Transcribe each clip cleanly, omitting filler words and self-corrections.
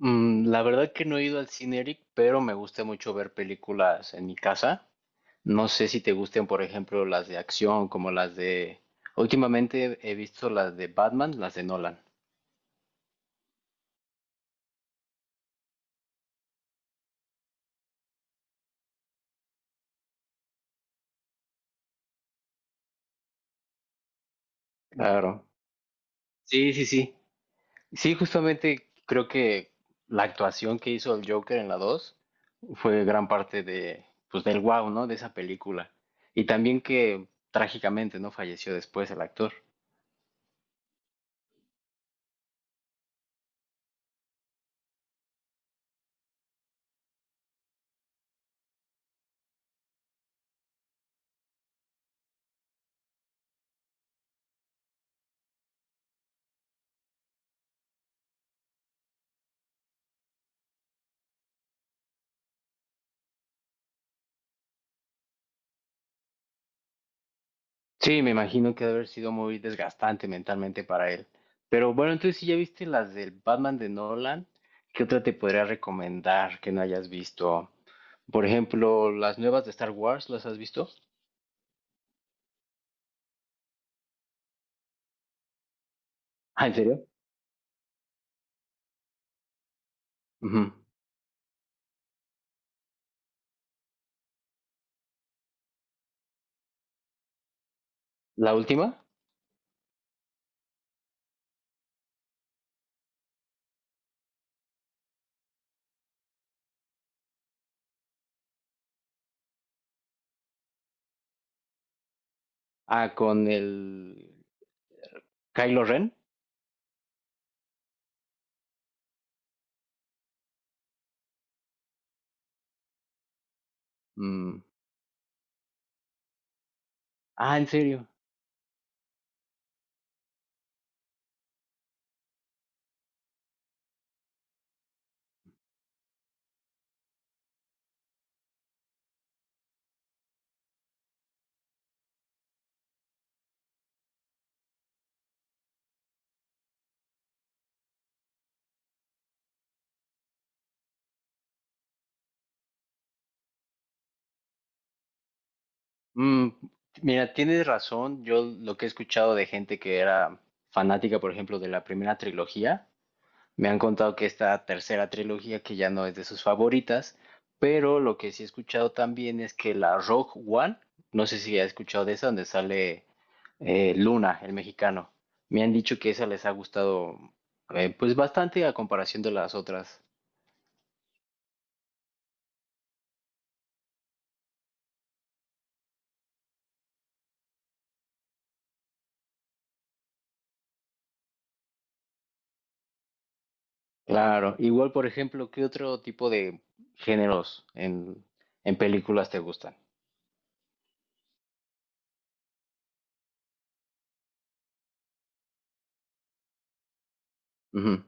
La verdad que no he ido al cine, Eric, pero me gusta mucho ver películas en mi casa. No sé si te gusten, por ejemplo, las de acción, como las de... Últimamente he visto las de Batman, las de Nolan. Claro. Sí, sí, sí. Sí, justamente creo que la actuación que hizo el Joker en la 2 fue gran parte de, pues, del wow, ¿no? De esa película. Y también que trágicamente, ¿no? Falleció después el actor. Sí, me imagino que debe haber sido muy desgastante mentalmente para él. Pero bueno, entonces si ya viste las del Batman de Nolan, ¿qué otra te podría recomendar que no hayas visto? Por ejemplo, las nuevas de Star Wars, ¿las has visto? Ah, ¿en serio? Ujú. ¿La última? Ah, con el Kylo Ren. Mm. Ah, en serio. Mm, Mira, tienes razón. Yo lo que he escuchado de gente que era fanática, por ejemplo, de la primera trilogía, me han contado que esta tercera trilogía, que ya no es de sus favoritas, pero lo que sí he escuchado también es que la Rogue One, no sé si has escuchado de esa, donde sale Luna, el mexicano. Me han dicho que esa les ha gustado pues bastante a comparación de las otras. Claro, igual por ejemplo, ¿qué otro tipo de géneros en películas te gustan? Ujú.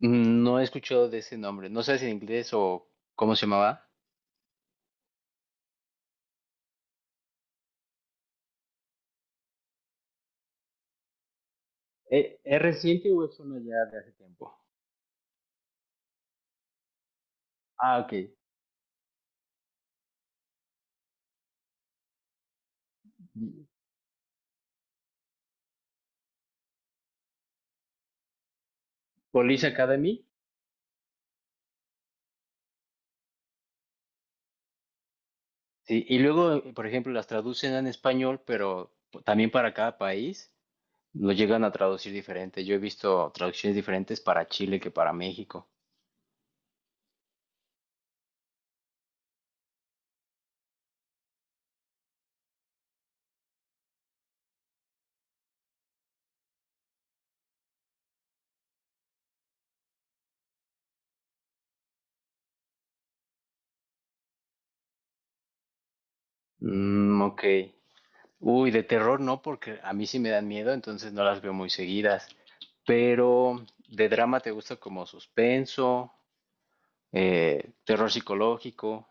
No he escuchado de ese nombre, no sé si en inglés o cómo se llamaba. ¿Es reciente o es uno ya de hace tiempo? Ah, ok. Police Academy. Sí, y luego, por ejemplo, las traducen en español, pero también para cada país lo llegan a traducir diferente. Yo he visto traducciones diferentes para Chile que para México. Mm, ok. Uy, de terror no, porque a mí sí me dan miedo, entonces no las veo muy seguidas. Pero de drama te gusta como suspenso, terror psicológico.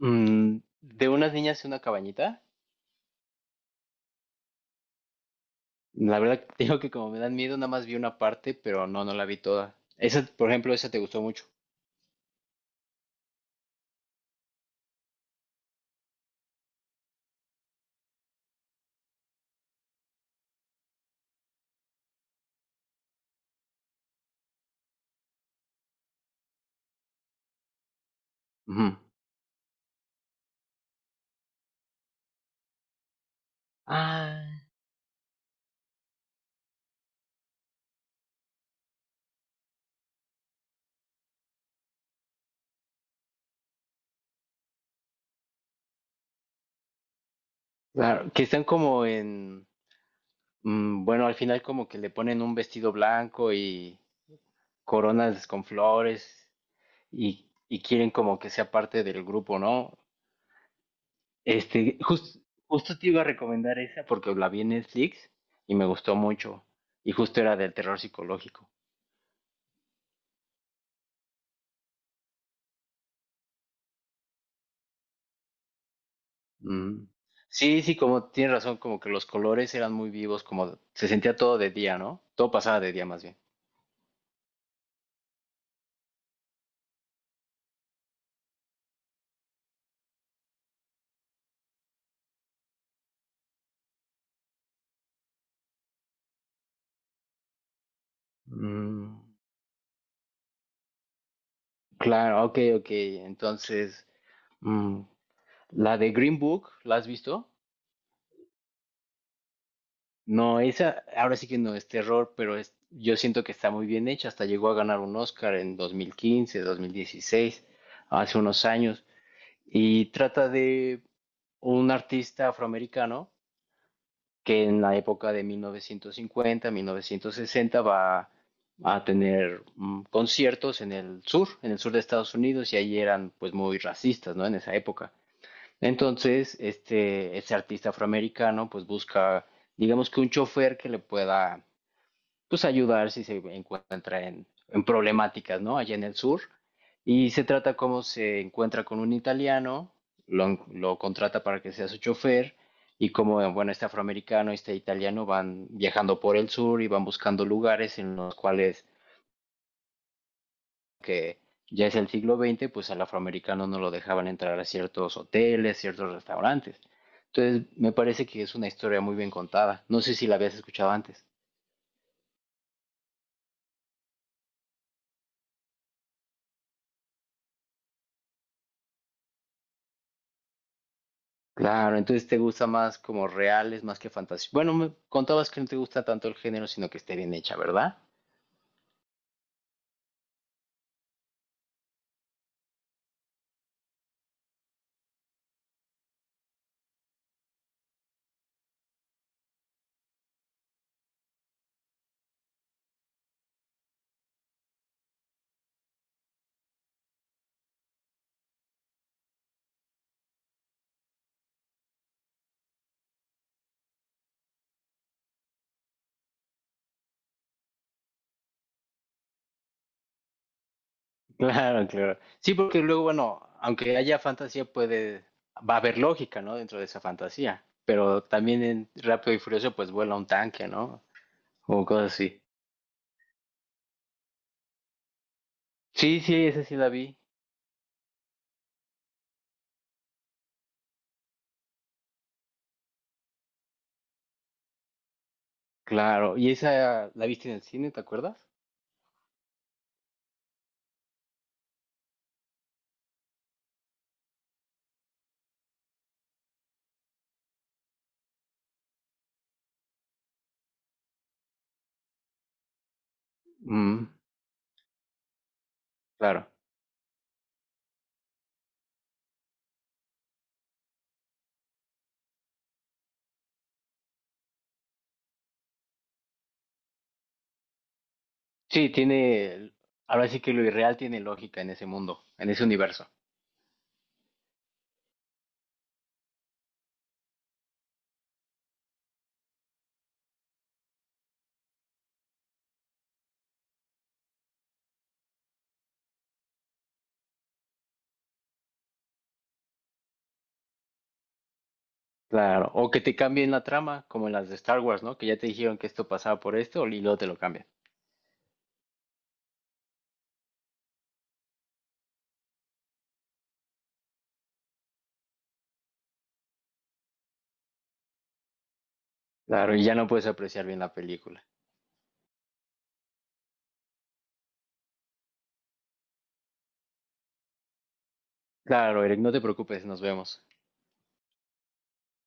Mm, de unas niñas en una cabañita. La verdad, te digo que como me dan miedo, nada más vi una parte, pero no, no la vi toda. Esa, por ejemplo, esa te gustó mucho. Ujú. Ah, claro, que están como en, bueno, al final como que le ponen un vestido blanco y coronas con flores y quieren como que sea parte del grupo, ¿no? Este, jus- Justo te iba a recomendar esa porque la vi en Netflix y me gustó mucho y justo era del terror psicológico. Mm. Sí, sí, como tienes razón, como que los colores eran muy vivos, como se sentía todo de día, ¿no? Todo pasaba de día más bien. Mm, Claro, ok, ok. Entonces, mm, la de Green Book, ¿la has visto? No, esa ahora sí que no es terror, pero es, yo siento que está muy bien hecha. Hasta llegó a ganar un Oscar en 2015, 2016, hace unos años. Y trata de un artista afroamericano que en la época de 1950, 1960 va a tener conciertos en el sur de Estados Unidos, y ahí eran pues muy racistas, ¿no? En esa época. Entonces, este, ese artista afroamericano pues busca, digamos que un chofer que le pueda pues ayudar si se encuentra en problemáticas, ¿no? Allá en el sur. Y se trata cómo se encuentra con un italiano, lo contrata para que sea su chofer y como, bueno, este afroamericano y este italiano van viajando por el sur y van buscando lugares en los cuales que ya es el siglo XX, pues al afroamericano no lo dejaban entrar a ciertos hoteles, ciertos restaurantes. Entonces, me parece que es una historia muy bien contada. No sé si la habías escuchado antes. Claro, entonces te gusta más como reales, más que fantasía. Bueno, me contabas que no te gusta tanto el género, sino que esté bien hecha, ¿verdad? Claro, claro. Sí, porque luego, bueno, aunque haya fantasía, puede, va a haber lógica, ¿no? Dentro de esa fantasía. Pero también en Rápido y Furioso, pues vuela un tanque, ¿no? O cosas así. Sí, sí, esa sí la vi. Claro. ¿Y esa la viste en el cine, te acuerdas? Mm, claro. Sí, tiene, ahora sí que lo irreal tiene lógica en ese mundo, en ese universo. Claro, o que te cambien la trama, como en las de Star Wars, ¿no? Que ya te dijeron que esto pasaba por esto y luego te lo cambian. Claro, y ya no puedes apreciar bien la película. Claro, Eric, no te preocupes, nos vemos.